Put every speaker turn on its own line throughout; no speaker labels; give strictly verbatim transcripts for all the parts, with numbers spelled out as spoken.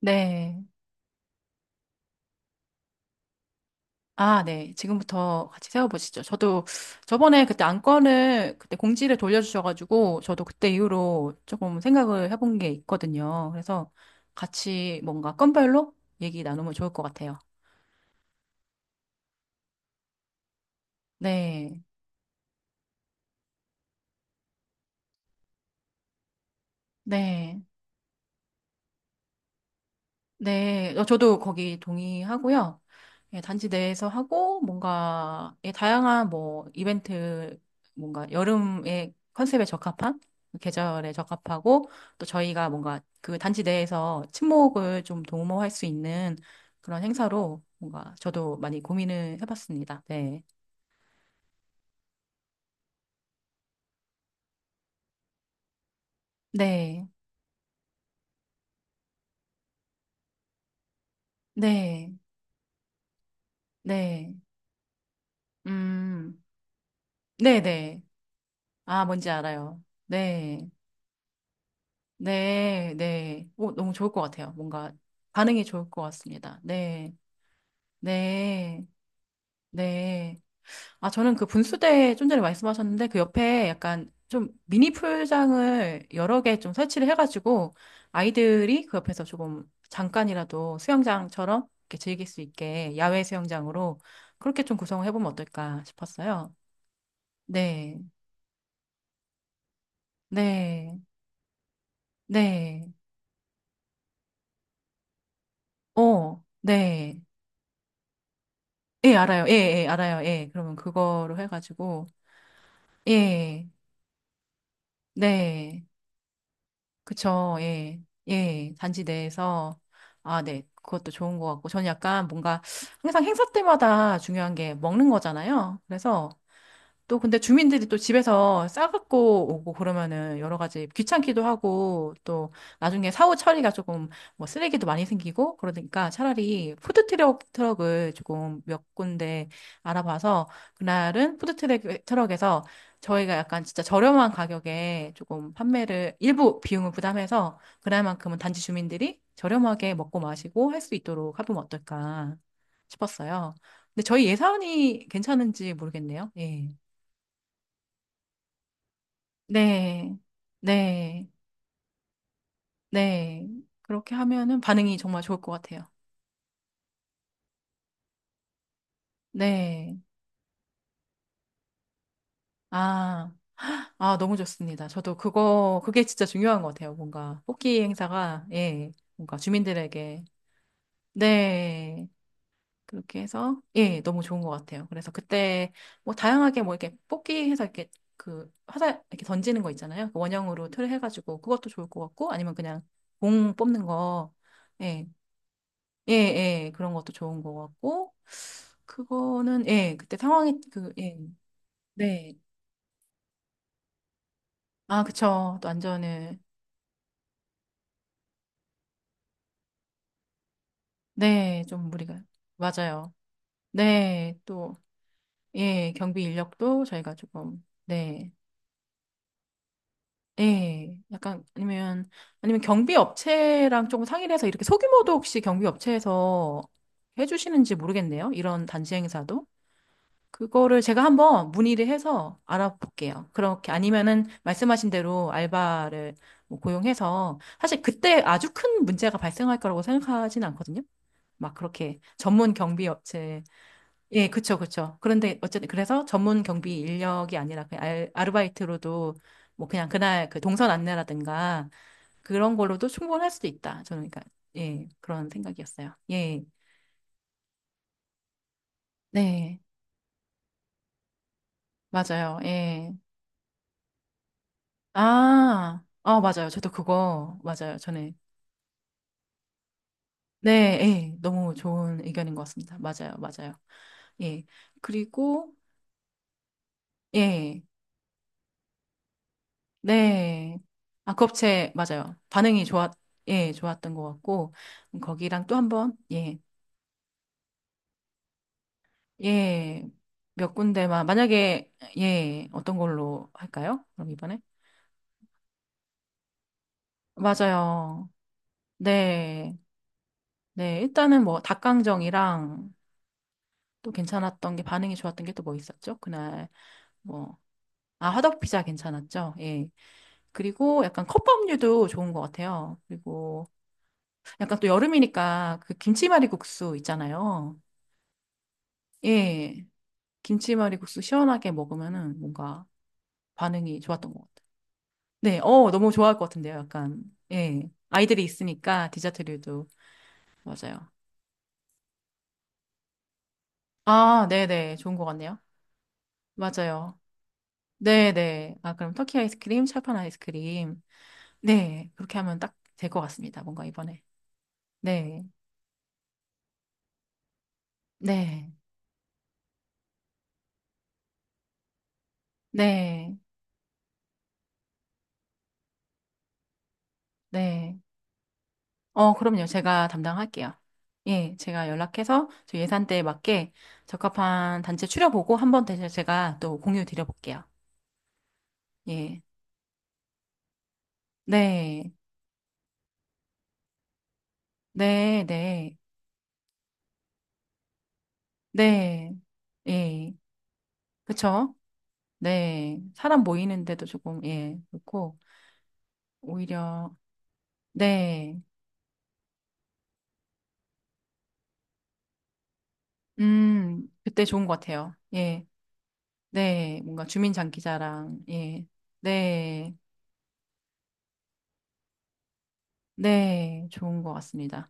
네. 아, 네. 지금부터 같이 세워보시죠. 저도 저번에 그때 안건을 그때 공지를 돌려주셔가지고 저도 그때 이후로 조금 생각을 해본 게 있거든요. 그래서 같이 뭔가 건별로 얘기 나누면 좋을 것 같아요. 네. 네. 네, 어, 저도 거기 동의하고요. 예, 단지 내에서 하고 뭔가 예, 다양한 뭐 이벤트 뭔가 여름의 컨셉에 적합한 계절에 적합하고 또 저희가 뭔가 그 단지 내에서 친목을 좀 도모할 수 있는 그런 행사로 뭔가 저도 많이 고민을 해봤습니다. 네, 네, 네, 네, 음, 네, 네, 아 뭔지 알아요. 네. 네, 네. 오, 너무 좋을 것 같아요. 뭔가 반응이 좋을 것 같습니다. 네, 네, 네. 아, 저는 그 분수대 좀 전에 말씀하셨는데 그 옆에 약간 좀 미니 풀장을 여러 개 좀 설치를 해가지고 아이들이 그 옆에서 조금 잠깐이라도 수영장처럼 이렇게 즐길 수 있게 야외 수영장으로 그렇게 좀 구성을 해보면 어떨까 싶었어요. 네, 네, 네. 어, 네. 예, 알아요. 예, 예, 알아요. 예. 그러면 그거로 해가지고, 예, 네. 그쵸. 예, 예. 단지 내에서, 아, 네. 그것도 좋은 것 같고, 저는 약간 뭔가 항상 행사 때마다 중요한 게 먹는 거잖아요. 그래서, 또 근데 주민들이 또 집에서 싸갖고 오고 그러면은 여러 가지 귀찮기도 하고 또 나중에 사후 처리가 조금 뭐 쓰레기도 많이 생기고 그러니까 차라리 푸드트럭 트럭을 조금 몇 군데 알아봐서 그날은 푸드트럭 트럭에서 저희가 약간 진짜 저렴한 가격에 조금 판매를 일부 비용을 부담해서 그날만큼은 단지 주민들이 저렴하게 먹고 마시고 할 수 있도록 하면 어떨까 싶었어요. 근데 저희 예산이 괜찮은지 모르겠네요. 예. 네, 네, 네. 그렇게 하면은 반응이 정말 좋을 것 같아요. 네. 아, 아, 너무 좋습니다. 저도 그거, 그게 진짜 중요한 것 같아요. 뭔가, 뽑기 행사가, 예, 뭔가 주민들에게, 네. 그렇게 해서, 예, 너무 좋은 것 같아요. 그래서 그때, 뭐, 다양하게 뭐, 이렇게 뽑기 해서 이렇게, 그, 화살, 이렇게 던지는 거 있잖아요. 그 원형으로 틀 해가지고, 그것도 좋을 것 같고, 아니면 그냥 공 뽑는 거, 예. 예, 예, 그런 것도 좋은 것 같고, 그거는, 예, 그때 상황이, 그, 예, 네. 아, 그쵸. 또 안전을, 네, 좀 무리가, 맞아요. 네, 또, 예, 경비 인력도 저희가 조금, 네, 예, 약간, 아니면, 아니면 경비 업체랑 조금 상의를 해서 이렇게 소규모도 혹시 경비 업체에서 해주시는지 모르겠네요. 이런 단지 행사도. 그거를 제가 한번 문의를 해서 알아볼게요. 그렇게 아니면은 말씀하신 대로 알바를 뭐 고용해서 사실 그때 아주 큰 문제가 발생할 거라고 생각하진 않거든요. 막 그렇게 전문 경비 업체 예, 그쵸, 그쵸. 그런데 어쨌든 그래서 전문 경비 인력이 아니라 그냥 알, 아르바이트로도 뭐 그냥 그날 그 동선 안내라든가 그런 걸로도 충분할 수도 있다. 저는 그러니까 예, 그런 생각이었어요. 예. 네. 맞아요. 예. 아, 아, 맞아요. 저도 그거, 맞아요. 전에. 네, 예, 너무 좋은 의견인 것 같습니다. 맞아요, 맞아요. 예. 그리고, 예, 네. 아, 그 업체, 맞아요. 반응이 좋았, 예, 좋았던 것 같고, 거기랑 또 한 번, 예, 예, 몇 군데만, 만약에, 예, 어떤 걸로 할까요? 그럼 이번에? 맞아요. 네, 네. 일단은 뭐, 닭강정이랑 또 괜찮았던 게, 반응이 좋았던 게 또 뭐 있었죠? 그날. 뭐 아, 화덕 피자 괜찮았죠? 예. 그리고 약간 컵밥류도 좋은 것 같아요. 그리고 약간 또 여름이니까 그 김치말이국수 있잖아요. 예. 김치말이국수 시원하게 먹으면은 뭔가 반응이 좋았던 것 같아요. 네. 어, 너무 좋아할 것 같은데요. 약간. 예. 아이들이 있으니까 디저트류도. 맞아요. 아, 네네. 좋은 것 같네요. 맞아요. 네네. 아, 그럼 터키 아이스크림, 철판 아이스크림. 네. 그렇게 하면 딱 될 것 같습니다. 뭔가 이번에. 네. 네. 네, 네. 어, 그럼요. 제가 담당할게요. 예, 제가 연락해서 저 예산대에 맞게 적합한 단체 추려보고 한 번 더 제가 또 공유 드려볼게요. 예. 네, 네, 네, 네. 예, 그쵸? 네. 사람 모이는데도 조금, 예, 그렇고, 오히려, 네. 음, 그때 좋은 것 같아요. 예, 네. 뭔가 주민장기자랑, 예, 네, 네. 좋은 것 같습니다.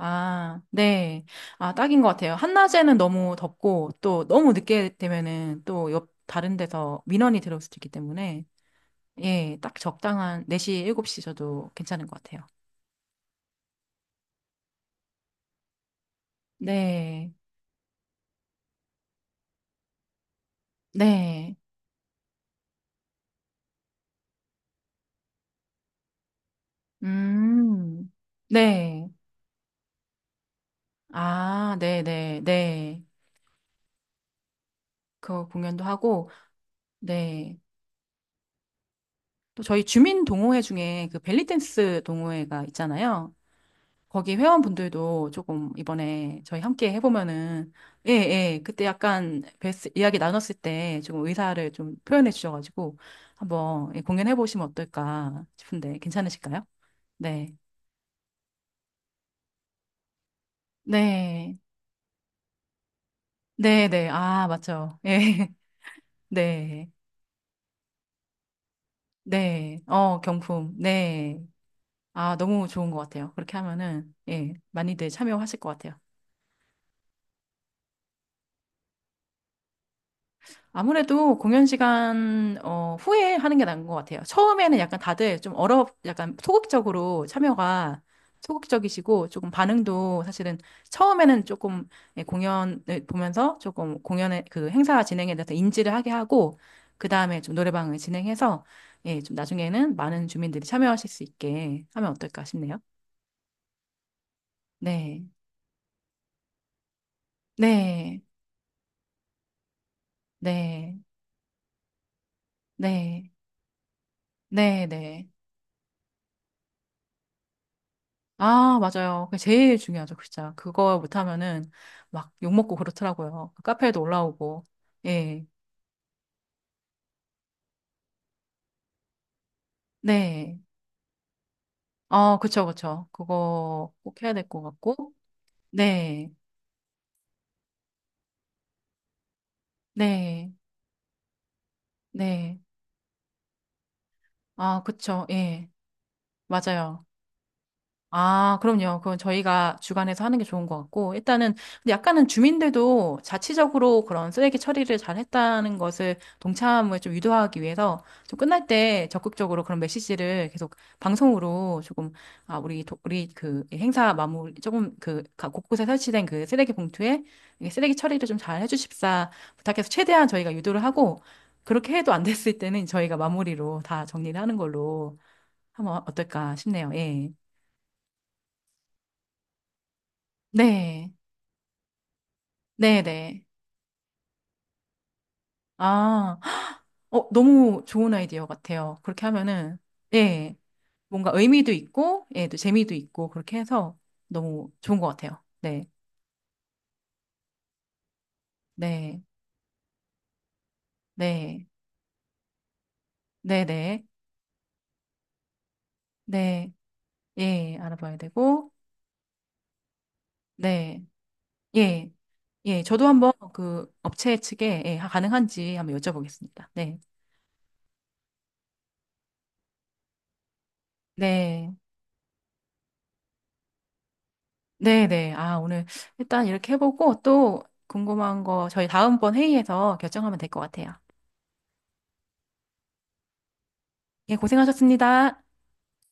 아, 네. 아, 딱인 것 같아요. 한낮에는 너무 덥고, 또 너무 늦게 되면은 또 옆, 다른 데서 민원이 들어올 수도 있기 때문에, 예, 딱 적당한 네 시, 일곱 시 저도 괜찮은 것 같아요. 네. 네. 음. 네. 아, 네네. 네. 그 공연도 하고, 네. 또 저희 주민 동호회 중에 그 벨리 댄스 동호회가 있잖아요. 거기 회원분들도 조금 이번에 저희 함께 해보면은, 예, 예, 그때 약간 뵀- 이야기 나눴을 때 조금 의사를 좀 표현해 주셔가지고 한번 예, 공연해보시면 어떨까 싶은데 괜찮으실까요? 네. 네. 네, 네. 아, 맞죠. 예. 네. 네. 어, 경품. 네. 아, 너무 좋은 것 같아요. 그렇게 하면은, 예, 많이들 참여하실 것 같아요. 아무래도 공연 시간 어, 후에 하는 게 나은 것 같아요. 처음에는 약간 다들 좀 얼어, 약간 소극적으로 참여가 소극적이시고 조금 반응도 사실은 처음에는 조금 예, 공연을 보면서 조금 공연의 그 행사 진행에 대해서 인지를 하게 하고 그 다음에 좀 노래방을 진행해서 예, 좀 나중에는 많은 주민들이 참여하실 수 있게 하면 어떨까 싶네요. 네, 네, 네, 네, 네, 네. 아, 맞아요. 그게 제일 중요하죠, 진짜. 그거 못하면은 막 욕먹고 그렇더라고요. 그 카페에도 올라오고. 예. 네. 어, 그쵸, 그쵸. 그거 꼭 해야 될 것 같고. 네. 네. 네. 아, 그쵸. 예. 맞아요. 아, 그럼요. 그건 저희가 주관해서 하는 게 좋은 것 같고, 일단은, 근데 약간은 주민들도 자치적으로 그런 쓰레기 처리를 잘 했다는 것을 동참을 좀 유도하기 위해서 좀 끝날 때 적극적으로 그런 메시지를 계속 방송으로 조금, 아, 우리, 도, 우리 그 행사 마무리, 조금 그 각 곳곳에 설치된 그 쓰레기 봉투에 이 쓰레기 처리를 좀 잘 해주십사 부탁해서 최대한 저희가 유도를 하고, 그렇게 해도 안 됐을 때는 저희가 마무리로 다 정리를 하는 걸로 하면 어떨까 싶네요. 예. 네. 네네. 아, 어, 너무 좋은 아이디어 같아요. 그렇게 하면은, 예, 뭔가 의미도 있고, 예, 또 재미도 있고, 그렇게 해서 너무 좋은 것 같아요. 네, 네, 네, 네네, 네, 예, 알아봐야 되고, 네, 예, 예, 저도 한번 그 업체 측에, 예, 가능한지 한번 여쭤보겠습니다. 네, 네, 네네. 아, 오늘 일단 이렇게 해보고 또 궁금한 거 저희 다음번 회의에서 결정하면 될 것 같아요. 예, 고생하셨습니다.